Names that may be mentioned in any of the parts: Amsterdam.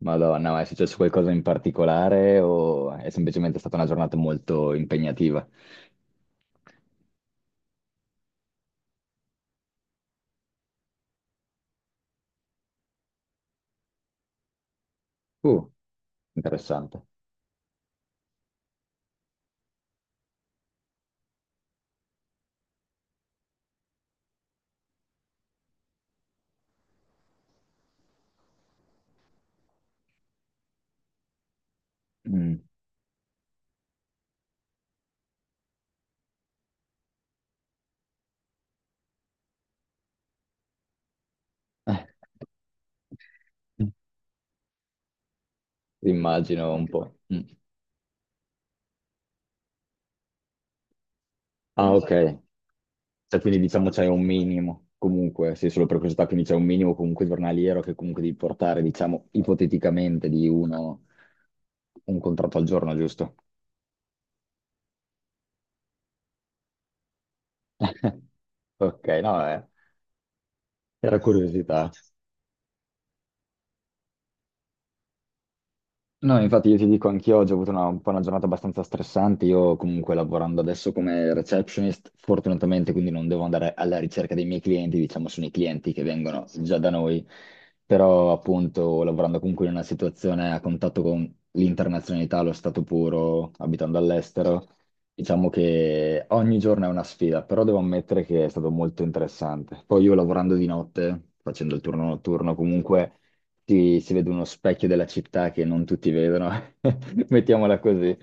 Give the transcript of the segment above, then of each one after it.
Madonna, ma è successo qualcosa in particolare o è semplicemente stata una giornata molto impegnativa? Uh, interessante. Mm. Eh, immagino un po'. Mm. Ah, ok. Cioè, quindi diciamo c'è un minimo, comunque, sì, solo per curiosità, quindi c'è un minimo comunque giornaliero che comunque devi portare, diciamo, ipoteticamente di uno un contratto al giorno, giusto? Ok, no, era curiosità. No, infatti io ti dico, anch'io oggi ho avuto una, un po' una giornata abbastanza stressante, io comunque lavorando adesso come receptionist, fortunatamente quindi non devo andare alla ricerca dei miei clienti, diciamo sono i clienti che vengono già da noi, però appunto lavorando comunque in una situazione a contatto con l'internazionalità, lo stato puro, abitando all'estero, diciamo che ogni giorno è una sfida, però devo ammettere che è stato molto interessante. Poi io lavorando di notte, facendo il turno notturno comunque si, si vede uno specchio della città che non tutti vedono, mettiamola così.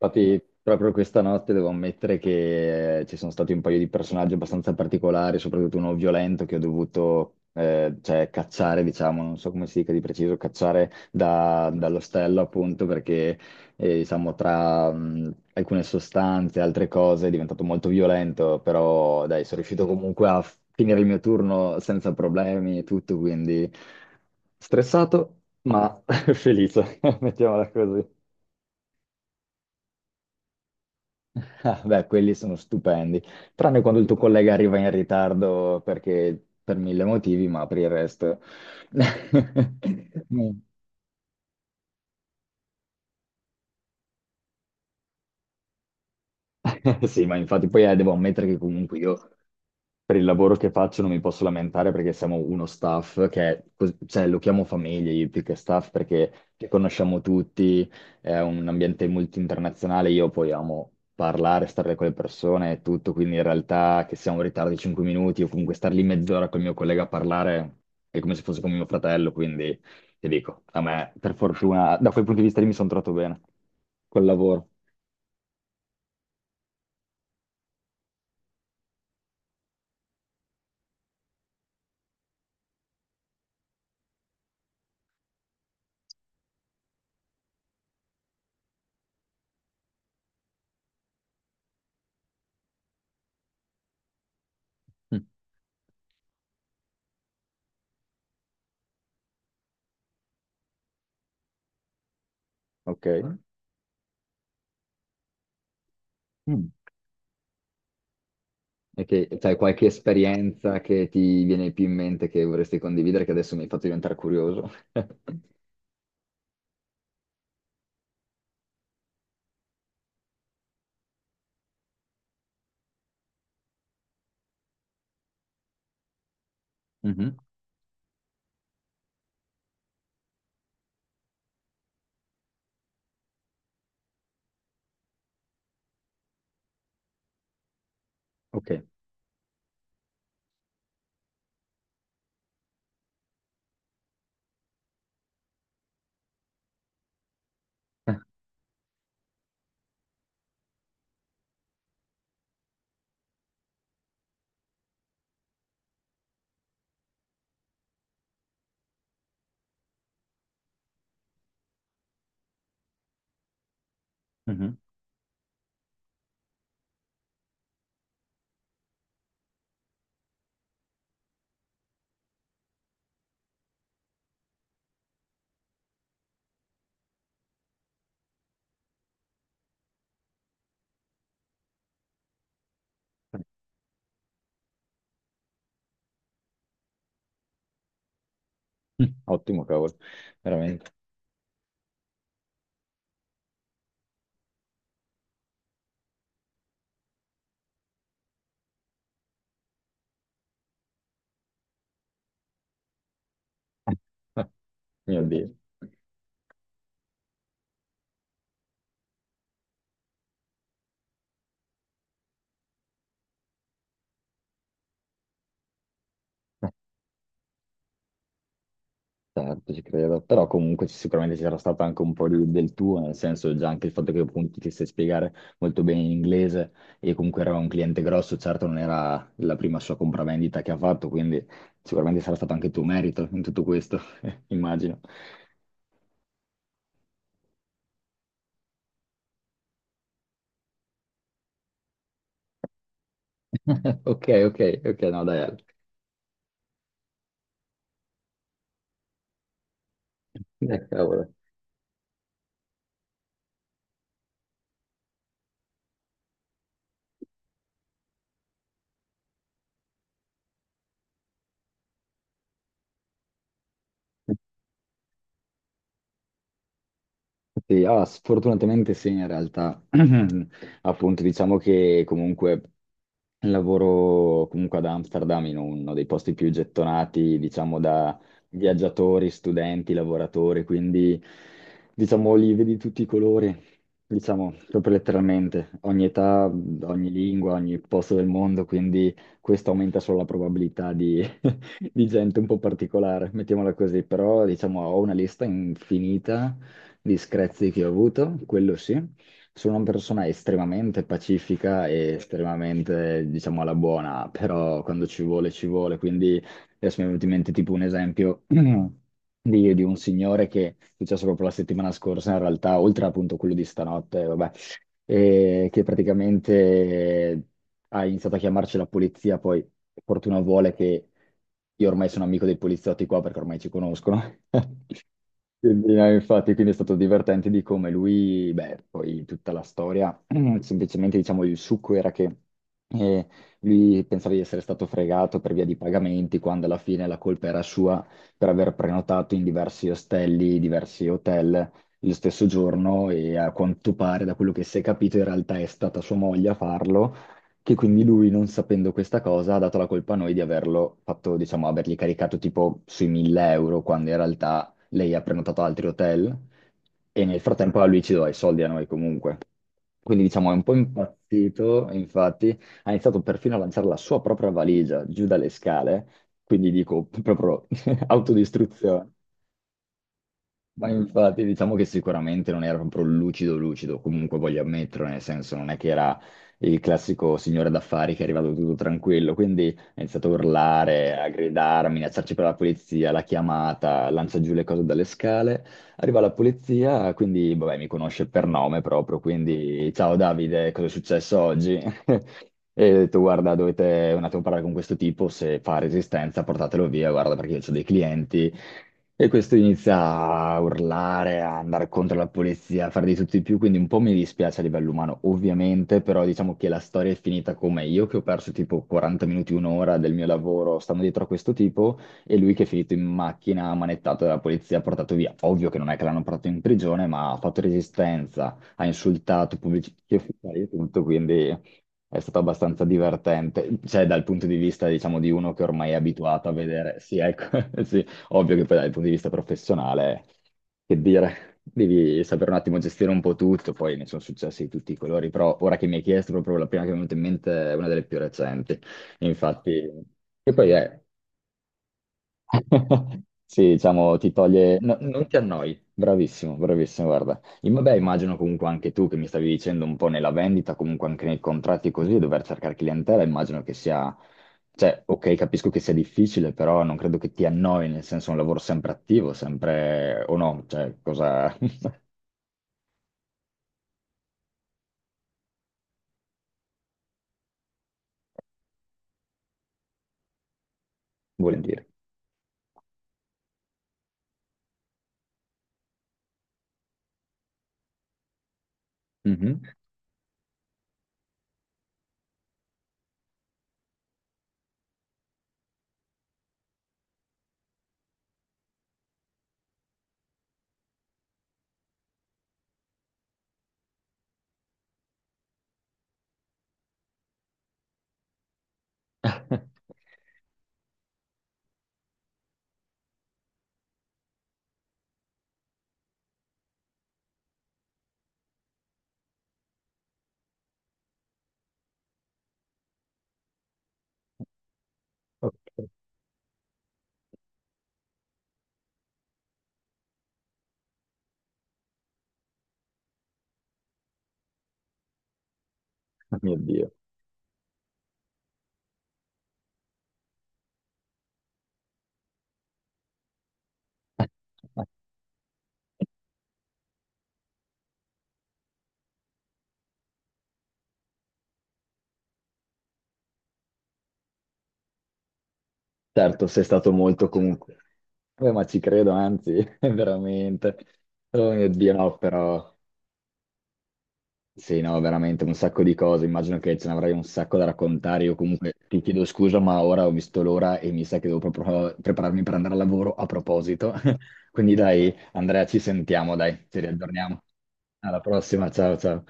Infatti, proprio questa notte devo ammettere che ci sono stati un paio di personaggi abbastanza particolari, soprattutto uno violento che ho dovuto cioè, cacciare, diciamo, non so come si dica di preciso, cacciare dall'ostello appunto perché e, diciamo, tra alcune sostanze e altre cose è diventato molto violento, però dai, sono riuscito comunque a finire il mio turno senza problemi e tutto, quindi stressato ma felice, mettiamola così. Ah, beh, quelli sono stupendi, tranne quando il tuo collega arriva in ritardo perché per mille motivi, ma per il resto... no, sì, ma infatti poi devo ammettere che comunque io per il lavoro che faccio non mi posso lamentare perché siamo uno staff che è, cioè, lo chiamo famiglia io più che staff perché ci conosciamo tutti, è un ambiente molto internazionale, io poi amo parlare, stare con le persone e tutto, quindi in realtà che siamo in ritardo di 5 minuti o comunque star lì mezz'ora col mio collega a parlare è come se fosse con mio fratello, quindi ti dico, a me per fortuna da quel punto di vista lì mi sono trovato bene col lavoro. Mm. Ok. Mm. E che c'hai qualche esperienza che ti viene più in mente che vorresti condividere, che adesso mi hai fatto diventare curioso. Mhm. Ok. Mhm. Ottimo, cavolo, veramente. Mio Dio. Certo, ci credo, però comunque sicuramente ci sarà stato anche un po' del tuo, nel senso già anche il fatto che appunto ti sai spiegare molto bene in inglese e comunque era un cliente grosso, certo non era la prima sua compravendita che ha fatto, quindi sicuramente sarà stato anche il tuo merito in tutto questo, immagino. Ok, ok, ok, no, dai. Cavolo. Sì, ah, sfortunatamente sì, in realtà, appunto, diciamo che comunque lavoro comunque ad Amsterdam in uno dei posti più gettonati, diciamo, da viaggiatori, studenti, lavoratori, quindi diciamo li vedi tutti i colori, diciamo, proprio letteralmente, ogni età, ogni lingua, ogni posto del mondo, quindi questo aumenta solo la probabilità di, di gente un po' particolare, mettiamola così, però diciamo ho una lista infinita di screzi che ho avuto, quello sì. Sono una persona estremamente pacifica e estremamente, diciamo, alla buona, però quando ci vuole, ci vuole. Quindi adesso mi è venuto in mente tipo un esempio di un signore che è successo proprio la settimana scorsa, in realtà, oltre appunto a quello di stanotte, vabbè, e che praticamente ha iniziato a chiamarci la polizia, poi fortuna vuole che io ormai sono amico dei poliziotti qua perché ormai ci conoscono. Quindi, no, infatti, quindi è stato divertente di come lui, beh, poi tutta la storia, semplicemente diciamo il succo era che eh, lui pensava di essere stato fregato per via di pagamenti, quando alla fine la colpa era sua per aver prenotato in diversi ostelli, diversi hotel lo stesso giorno e a quanto pare, da quello che si è capito, in realtà è stata sua moglie a farlo, che quindi lui, non sapendo questa cosa, ha dato la colpa a noi di averlo fatto, diciamo, avergli caricato tipo sui 1000 euro, quando in realtà lei ha prenotato altri hotel e nel frattempo a lui ci doveva i soldi a noi comunque. Quindi diciamo è un po' impazzito, infatti ha iniziato perfino a lanciare la sua propria valigia giù dalle scale, quindi dico proprio autodistruzione. Ma infatti diciamo che sicuramente non era proprio lucido lucido, comunque voglio ammetterlo, nel senso non è che era il classico signore d'affari che è arrivato tutto tranquillo, quindi ha iniziato a urlare, a gridare, a minacciarci per la polizia, la chiamata, lancia giù le cose dalle scale, arriva la polizia, quindi vabbè mi conosce per nome proprio, quindi ciao Davide, cosa è successo oggi? E ho detto, guarda, dovete un attimo parlare con questo tipo, se fa resistenza portatelo via, guarda, perché io ho dei clienti, e questo inizia a urlare, a andare contro la polizia, a fare di tutto di più, quindi un po' mi dispiace a livello umano, ovviamente, però diciamo che la storia è finita come io che ho perso tipo 40 minuti, un'ora del mio lavoro stando dietro a questo tipo e lui che è finito in macchina, manettato dalla polizia, portato via. Ovvio che non è che l'hanno portato in prigione, ma ha fatto resistenza, ha insultato pubblici ufficiali e tutto, quindi... È stato abbastanza divertente, cioè dal punto di vista, diciamo, di uno che ormai è abituato a vedere, sì, ecco, sì, ovvio che poi dal punto di vista professionale, che dire, devi saper un attimo gestire un po' tutto, poi ne sono successi di tutti i colori, però ora che mi hai chiesto proprio la prima che mi è venuta in mente è una delle più recenti. Infatti, e poi è sì, diciamo, ti toglie... non ti annoi. Bravissimo, bravissimo, guarda. Vabbè, immagino comunque anche tu che mi stavi dicendo un po' nella vendita, comunque anche nei contratti così, dover cercare clientela, immagino che sia... Cioè, ok, capisco che sia difficile, però non credo che ti annoi, nel senso è un lavoro sempre attivo, sempre... o no, cioè, cosa vuol dire? Mhm. Ok. Mio Dio. Certo, sei stato molto comunque. Beh, ma ci credo, anzi, veramente. Oh mio Dio, no, però sì, no, veramente un sacco di cose. Immagino che ce ne avrai un sacco da raccontare. Io comunque ti chiedo scusa, ma ora ho visto l'ora e mi sa che devo proprio prepararmi per andare al lavoro a proposito. Quindi dai, Andrea, ci sentiamo, dai, ci riaggiorniamo. Alla prossima, ciao ciao.